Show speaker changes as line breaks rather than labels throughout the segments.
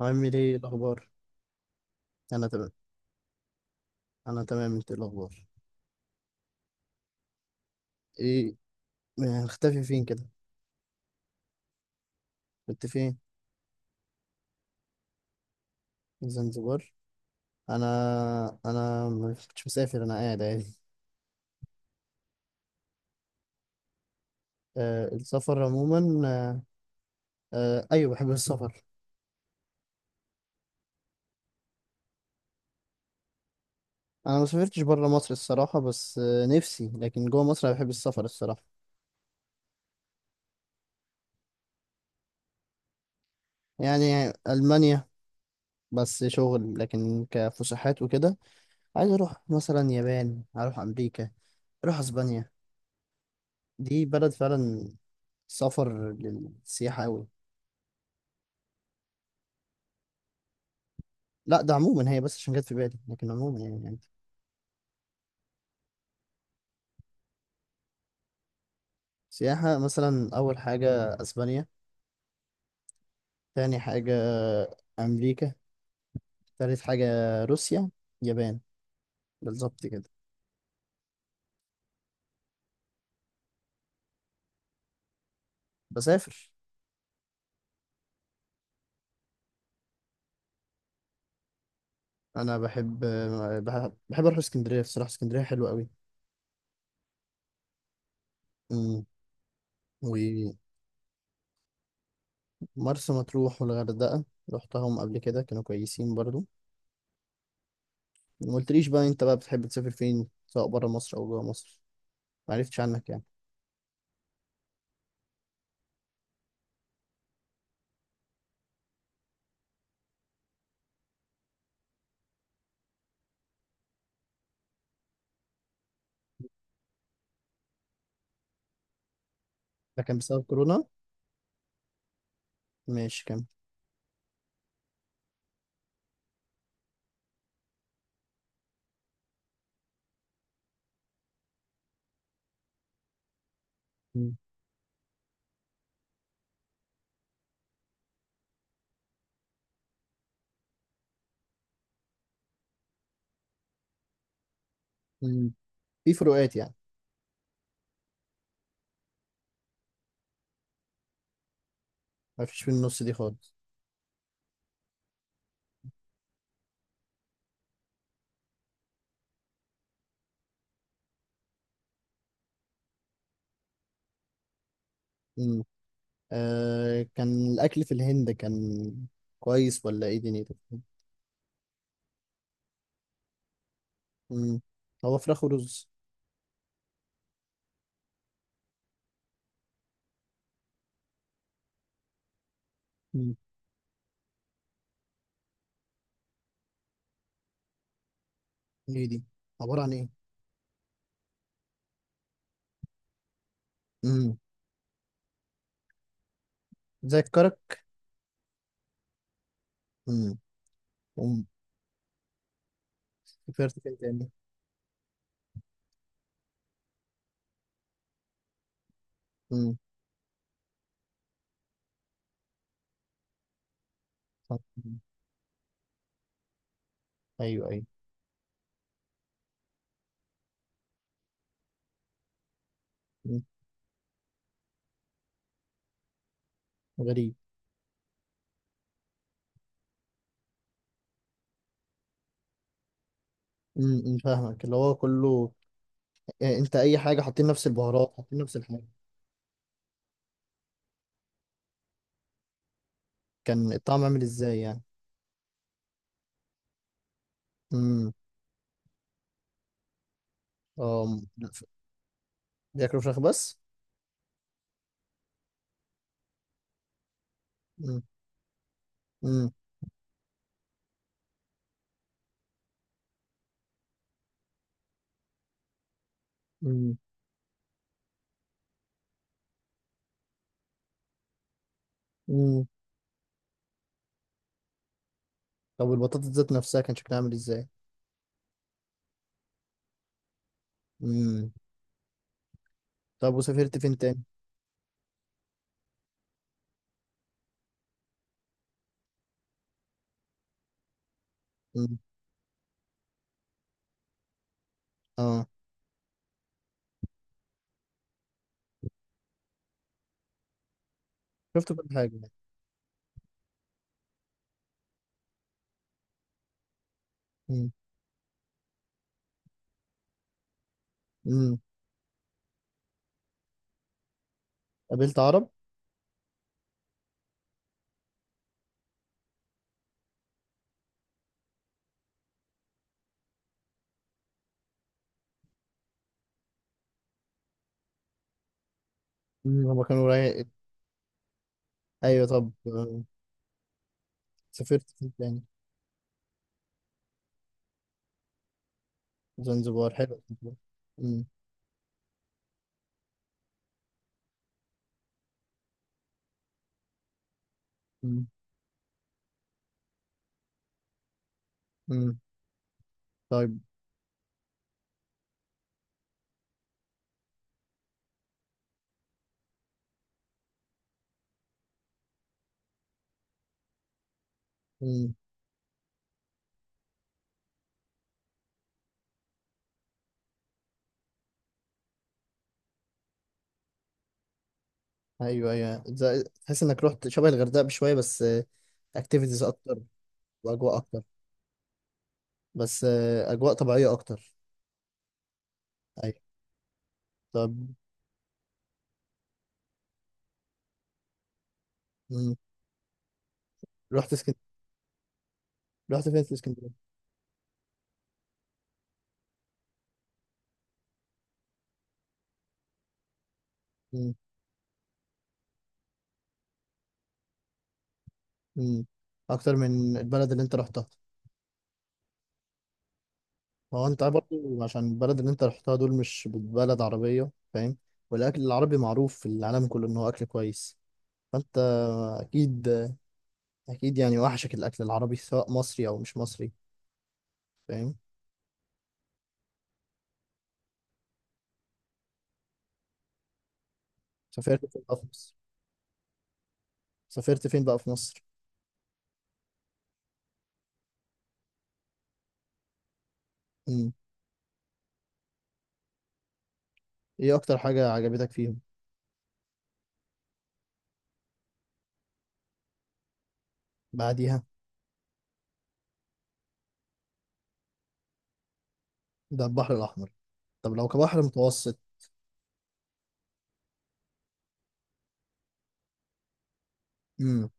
عامل ايه الاخبار؟ انا تمام. انا تمام، انت إيه الاخبار؟ ايه، مختفي فين كده؟ كنت فين؟ زنزبار؟ انا ما كنتش مسافر، انا قاعد عادي. آه، السفر عموما، آه. آه، ايوه بحب السفر. انا ما سافرتش بره مصر الصراحه، بس آه نفسي، لكن جوه مصر أنا بحب السفر الصراحه. يعني المانيا، بس شغل، لكن كفسحات وكده. عايز اروح مثلا يابان، اروح امريكا، اروح اسبانيا. دي بلد فعلا سفر للسياحة أوي. لا، ده عموما هي، بس عشان جت في بالي، لكن عموما يعني عادي. سياحة، مثلا أول حاجة أسبانيا، تاني حاجة أمريكا، تالت حاجة روسيا، يابان، بالظبط كده. بسافر. أنا بحب أروح اسكندرية، بصراحة اسكندرية حلوة أوي. أمم. ومرسى مطروح والغردقة، رحتهم قبل كده كانوا كويسين برضو. ما قلتليش بقى أنت بقى بتحب تسافر فين سواء برا مصر أو جوا مصر؟ معرفتش عنك يعني. ده كان بسبب كورونا؟ ماشي، كمل. أمم. أمم. في فروقات يعني. ما فيش في النص دي خالص. امم. آه، كان الأكل في الهند كان كويس ولا إيه دنيته؟ امم. هو فراخ ورز. امم. إيه دي؟ عبارة عن إيه؟ امم. زي الكرك. امم. أم. فكرت كده تاني. امم. صح. مم. أيوه، أيوه. مم. غريب. امم، فاهمك اللي هو كله، يعني أنت أي حاجة حاطين نفس البهارات، حاطين نفس الحاجة. كان الطعم عامل إزاي يعني؟ امم. اه، بياكلوا فراخ بس؟ امم. امم. امم. طب والبطاطس ذات نفسها كان شكلها عامل ازاي؟ امم. طب وسافرت فين تاني؟ امم. اه، شفت كل حاجه يعني. امم. امم. قابلت عرب؟ امم. هما كانوا رايق. ايوه، طب، سافرت فين تاني؟ زنزبار، حلو زنزبار. امم. امم. امم. طيب. امم. ايوه، ايوه، تحس انك رحت شبه الغردقه بشويه، بس اكتيفيتيز اكتر، واجواء اكتر. بس اجواء طبيعيه اكتر. ايوه. طب. امم. رحت اسكندريه. رحت فين في اسكندريه؟ مم. اكتر من البلد اللي انت رحتها. هو انت برضو عشان البلد اللي انت رحتها دول مش بلد عربية، فاهم؟ والاكل العربي معروف في العالم كله ان هو اكل كويس، فانت اكيد، اكيد يعني وحشك الاكل العربي، سواء مصري او مش مصري، فاهم؟ سافرت فين بقى في مصر؟ سافرت فين بقى في مصر؟ مم. ايه اكتر حاجة عجبتك فيهم؟ بعديها؟ ده البحر الاحمر، طب لو كبحر متوسط؟ مم.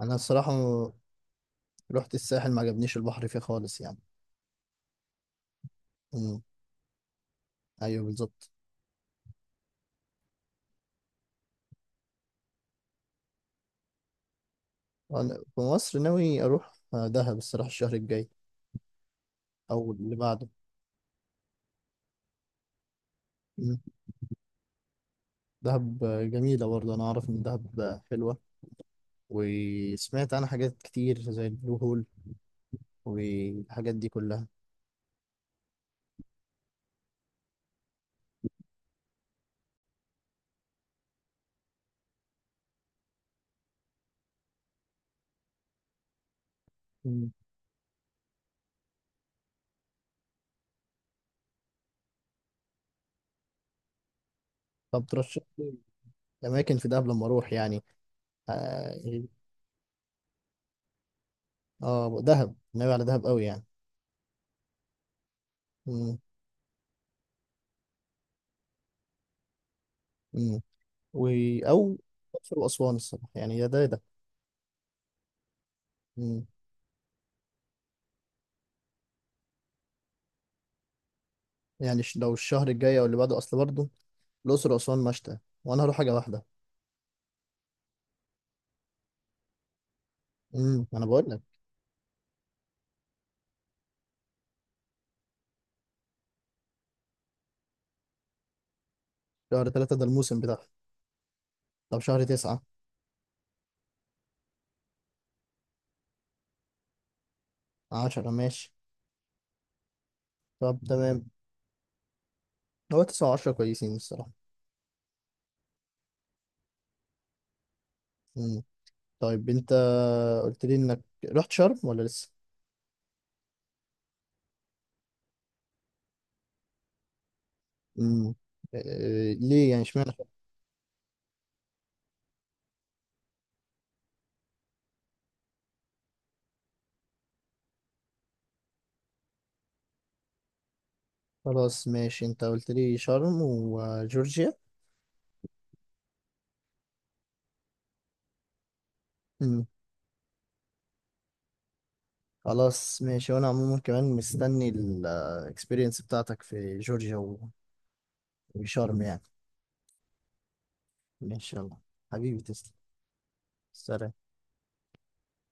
انا الصراحة رحت الساحل، ما عجبنيش البحر فيه خالص يعني. مم. ايوه، بالظبط. أنا في مصر ناوي أروح دهب الصراحة، الشهر الجاي أو اللي بعده. مم. دهب جميلة برضه، أنا أعرف إن دهب حلوة، وسمعت عنها حاجات كتير زي البلو هول والحاجات دي كلها. مم. طب ترشح لي أماكن في دهب لما أروح يعني. آه، آه، دهب، ناوي على دهب أوي يعني. مم. مم. و... أو الأقصر وأسوان، الصراحة يعني يا ده يا ده. مم. يعني لو الشهر الجاي أو اللي بعده، أصل برضه الأقصر وأسوان مشتى وأنا هروح حاجة واحدة. امم، انا بقول لك، شهر تلاتة ده الموسم بتاعه. طب شهر تسعة؟ عشرة ماشي. طب تمام. هو تسعة وعشرة كويسين الصراحة. مم. طيب انت قلت لي انك رحت شرم ولا لسه؟ مم. إيه ليه يعني، اشمعنى شرم؟ خلاص ماشي، انت قلت لي شرم وجورجيا. مم. خلاص ماشي، وانا عموما كمان مستني الاكسبيرينس بتاعتك في جورجيا وشرم يعني. ماشي يلا، حبيبي تسلم. سلام.